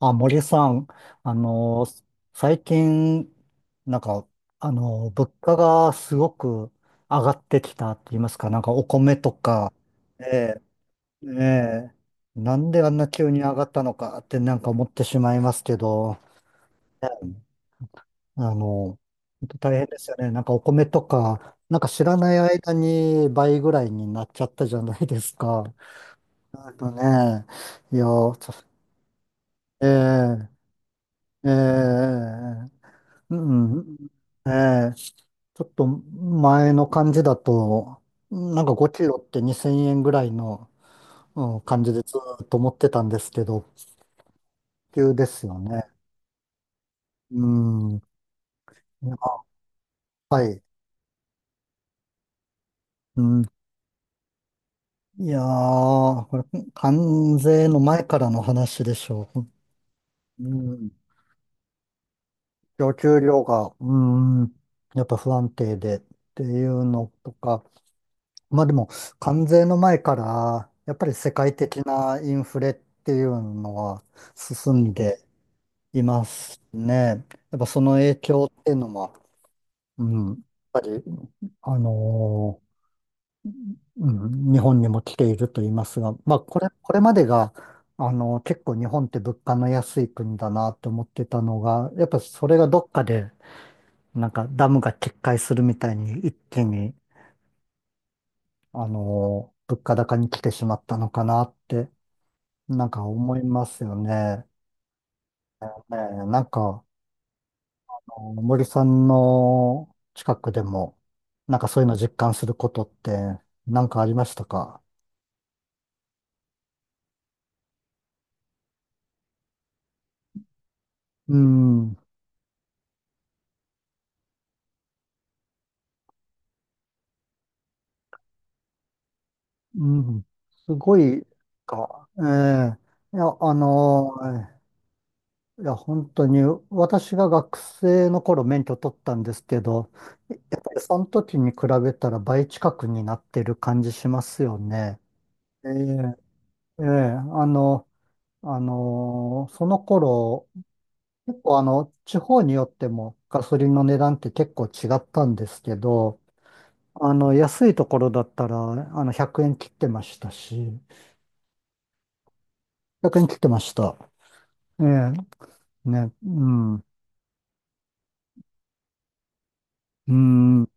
あ、森さん、あのー、最近、なんか、物価がすごく上がってきたって言いますか、なんかお米とか、ええ、ええ、なんであんな急に上がったのかってなんか思ってしまいますけど、ええ、本当大変ですよね。なんかお米とか、なんか知らない間に倍ぐらいになっちゃったじゃないですか。あとね、いや、ええ、ええ、ええ、うん、ええ、ちょっと前の感じだと、なんか5キロって2000円ぐらいの、うん、感じでずーっと持ってたんですけど、急ですよね。うん、はい。うん、いやー、これ、関税の前からの話でしょう。うん、供給量が、うん、やっぱ不安定でっていうのとか、まあでも、関税の前から、やっぱり世界的なインフレっていうのは進んでいますね。やっぱその影響っていうのも、うん、やっぱり、あのーうん、日本にも来ていると言いますが、まあこれ、これまでが、結構日本って物価の安い国だなと思ってたのが、やっぱそれがどっかで、なんかダムが決壊するみたいに一気に、物価高に来てしまったのかなって、なんか思いますよね。ねえ、なんか、あの森さんの近くでも、なんかそういうの実感することってなんかありましたか？うん、うん、すごいか。ええ、いや、いや、本当に、私が学生の頃免許取ったんですけど、やっぱりその時に比べたら倍近くになってる感じしますよね。ええ、ええ、その頃結構地方によってもガソリンの値段って結構違ったんですけど、安いところだったら、100円切ってましたし、100円切ってました。ええ、ね、うん、うん、うん、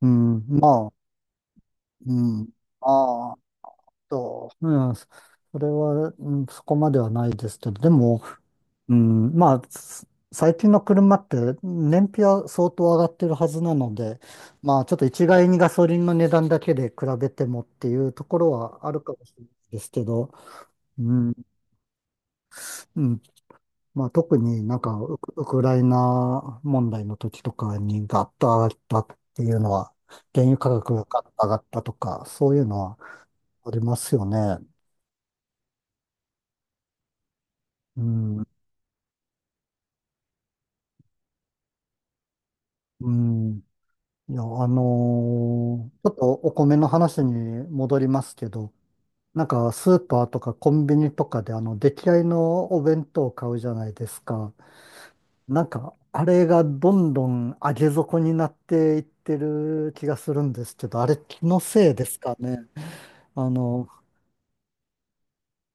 まあ、うん、まあ、うん、それは、うん、そこまではないですけど、でも、うん、まあ、最近の車って燃費は相当上がってるはずなので、まあ、ちょっと一概にガソリンの値段だけで比べてもっていうところはあるかもしれないですけど、うん、うん、まあ、特になんかウクライナ問題の時とかにガッと上がったっていうのは、原油価格がガッと上がったとか、そういうのはありますよね。うん、うん、いや、ちょっとお米の話に戻りますけど、なんかスーパーとかコンビニとかであの出来合いのお弁当を買うじゃないですか。なんかあれがどんどん上げ底になっていってる気がするんですけど、あれ気のせいですかね？あの、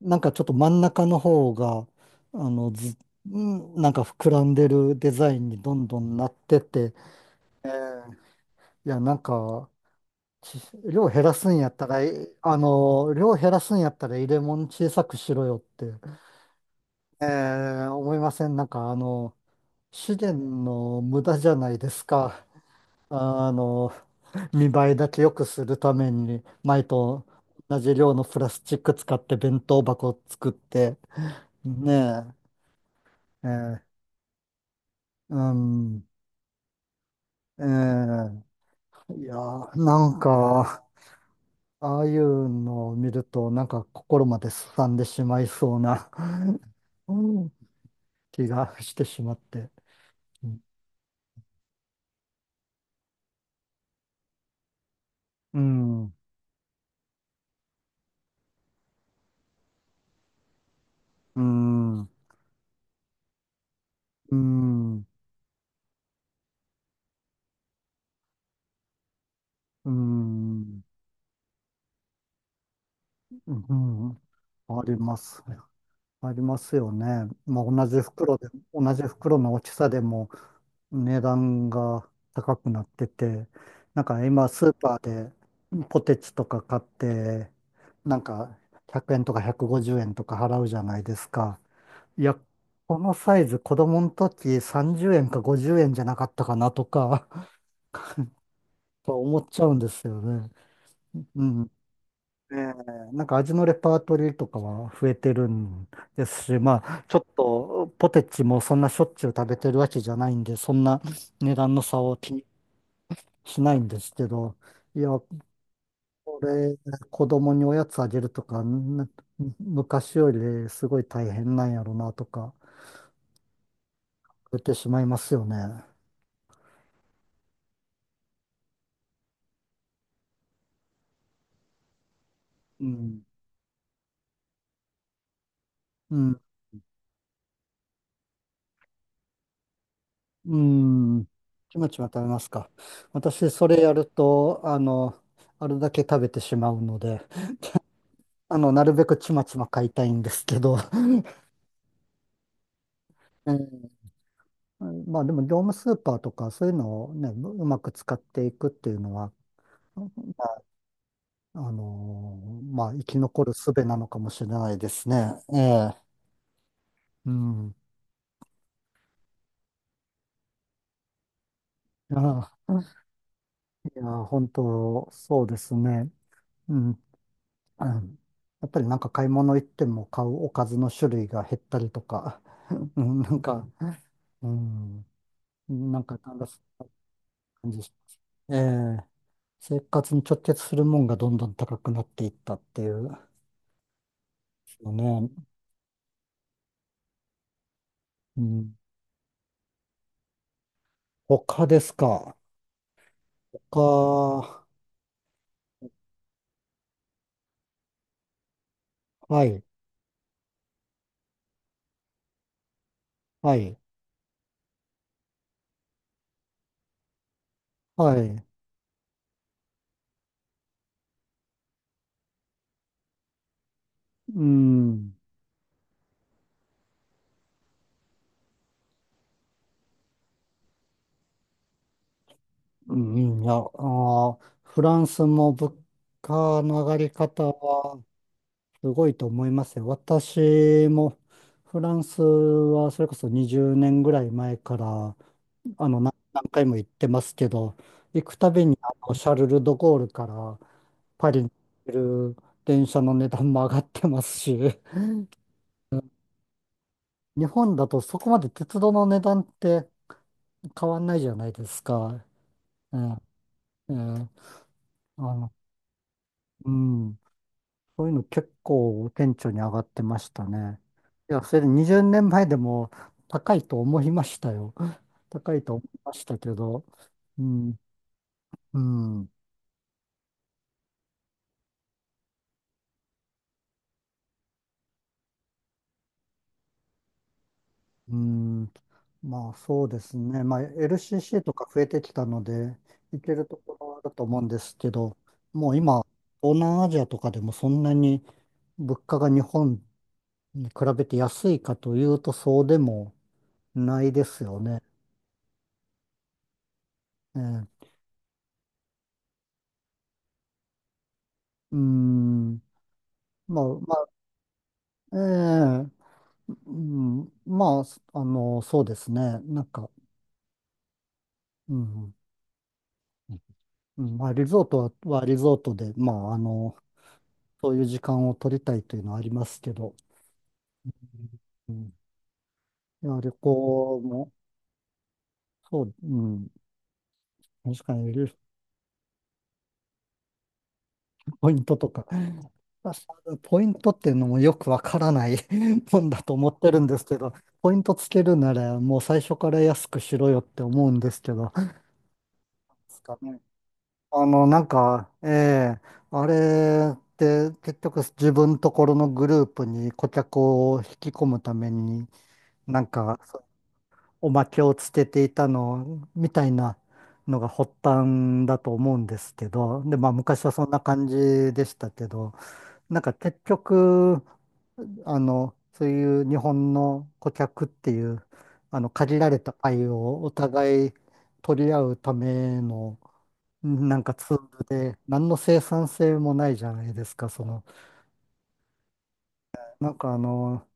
なんかちょっと真ん中の方が、ず、なんか膨らんでるデザインにどんどんなってて、えーいや、なんか、ち量減らすんやったら、量減らすんやったら入れ物小さくしろよって、え思いません？なんか、資源の無駄じゃないですか。あの、見栄えだけ良くするために、前と同じ量のプラスチック使って弁当箱を作って、ねえ、うん、えーいや、なんか、ああいうのを見ると、なんか心まで荒んでしまいそうな うん気がしてしまって。うん、うん、うん、うん、うん、ありますね。ありますよね。まあ、同じ袋で、同じ袋の大きさでも値段が高くなってて、なんか今スーパーでポテチとか買って、なんか100円とか150円とか払うじゃないですか。いや、このサイズ子供の時30円か50円じゃなかったかなとか と思っちゃうんですよね。うん。ええ、なんか味のレパートリーとかは増えてるんですし、まあ、ちょっとポテチもそんなしょっちゅう食べてるわけじゃないんで、そんな値段の差を気にしないんですけど、いや、これ、子供におやつあげるとか、昔よりすごい大変なんやろなとか、言ってしまいますよね。うん。うん。ちまちま食べますか？私、それやると、あれだけ食べてしまうので、なるべくちまちま買いたいんですけど、うん、まあでも、業務スーパーとか、そういうのをね、うまく使っていくっていうのは、まあ、まあ、生き残る術なのかもしれないですね。ええ。うん。いや、いや、本当、そうですね。うん、うん、やっぱりなんか買い物行っても買うおかずの種類が減ったりとか、うん、なんか、うん、なんかなんだそんな感じします。ええ、生活に直結するもんがどんどん高くなっていったっていう、ですよね。うん、他ですか。他、はい、はい、はい。うん、うん、いや、フランスも物価の上がり方は、すごいと思いますよ。私もフランスはそれこそ20年ぐらい前から何回も行ってますけど、行くたびにシャルル・ド・ゴールからパリに行ける電車の値段も上がってますし、日本だとそこまで鉄道の値段って変わんないじゃないですか。ええ、ええ、あの、うん。そういうの結構顕著に上がってましたね。いや、それで20年前でも高いと思いましたよ。高いと思いましたけど、うん、うん、うん、まあそうですね。まあ LCC とか増えてきたので、行けるところはあると思うんですけど、もう今、東南アジアとかでもそんなに物価が日本に比べて安いかというとそうでもないですよね。ええ、うん、まあ、ええ、うん、まあ、そうですね。なんか、うん、うん、まあ、リゾートはリゾートで、まあ、そういう時間を取りたいというのはありますけど、うん、いや、旅行も、そう、うん、確かに、ポイントとか、私ポイントっていうのもよくわからない もんだと思ってるんですけど、ポイントつけるなら、もう最初から安くしろよって思うんですけど、ですかね？なんか、ええ、あれって結局自分ところのグループに顧客を引き込むために、なんか、そうおまけをつけていたの、みたいなのが発端だと思うんですけど、で、まあ昔はそんな感じでしたけど、なんか結局、そういう日本の顧客っていう、限られた愛をお互い取り合うためのなんかツールで、何の生産性もないじゃないですか。その、なんか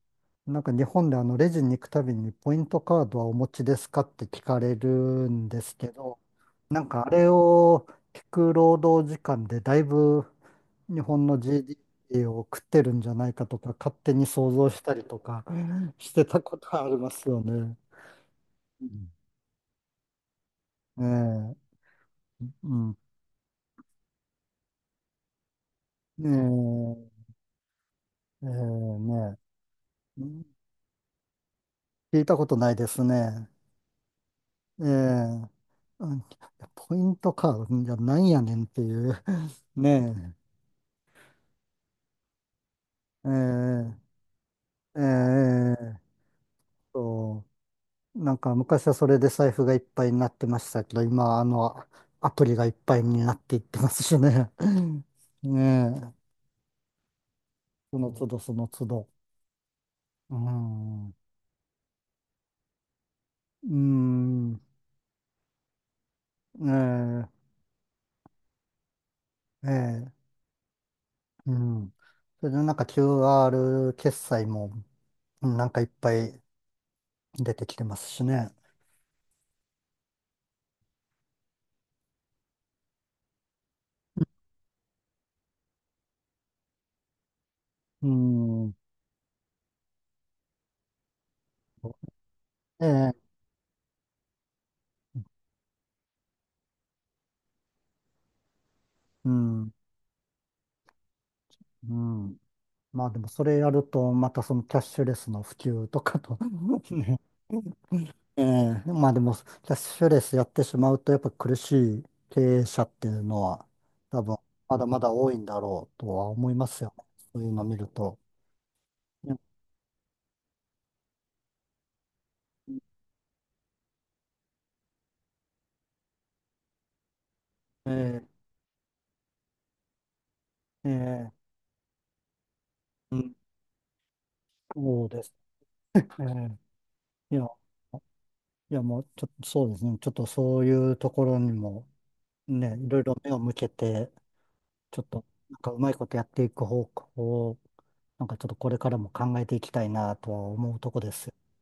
なんか日本でレジに行くたびにポイントカードはお持ちですかって聞かれるんですけど、なんかあれを聞く労働時間でだいぶ日本の GDP を食ってるんじゃないかとか勝手に想像したりとかしてたことありますよね。うん、ええ、うん、ええ、ええ、ねえ、うん、聞いたことないですね。ええ、うん、ポイントカードじゃなんやねんっていう。ねえ。ええ、ええ、そう。なんか昔はそれで財布がいっぱいになってましたけど、今はアプリがいっぱいになっていってますしね。ねえ。その都度その都度。うん。うーん。ええ、ええ、うん。それでなんか QR 決済もなんかいっぱい出てきてますしね。うん。ええ、うん、うん。まあでもそれやると、またそのキャッシュレスの普及とかと ね、ええ、まあでも、キャッシュレスやってしまうと、やっぱ苦しい経営者っていうのは、多分、まだまだ多いんだろうとは思いますよね。そういうの見ると。ねええ、ええ、うん、そうですね。ええ、いや、いやもう、ちょっとそうですね。ちょっとそういうところにも、ね、いろいろ目を向けて、ちょっと、なんかうまいことやっていく方向を、なんかちょっとこれからも考えていきたいなとは思うとこですよね。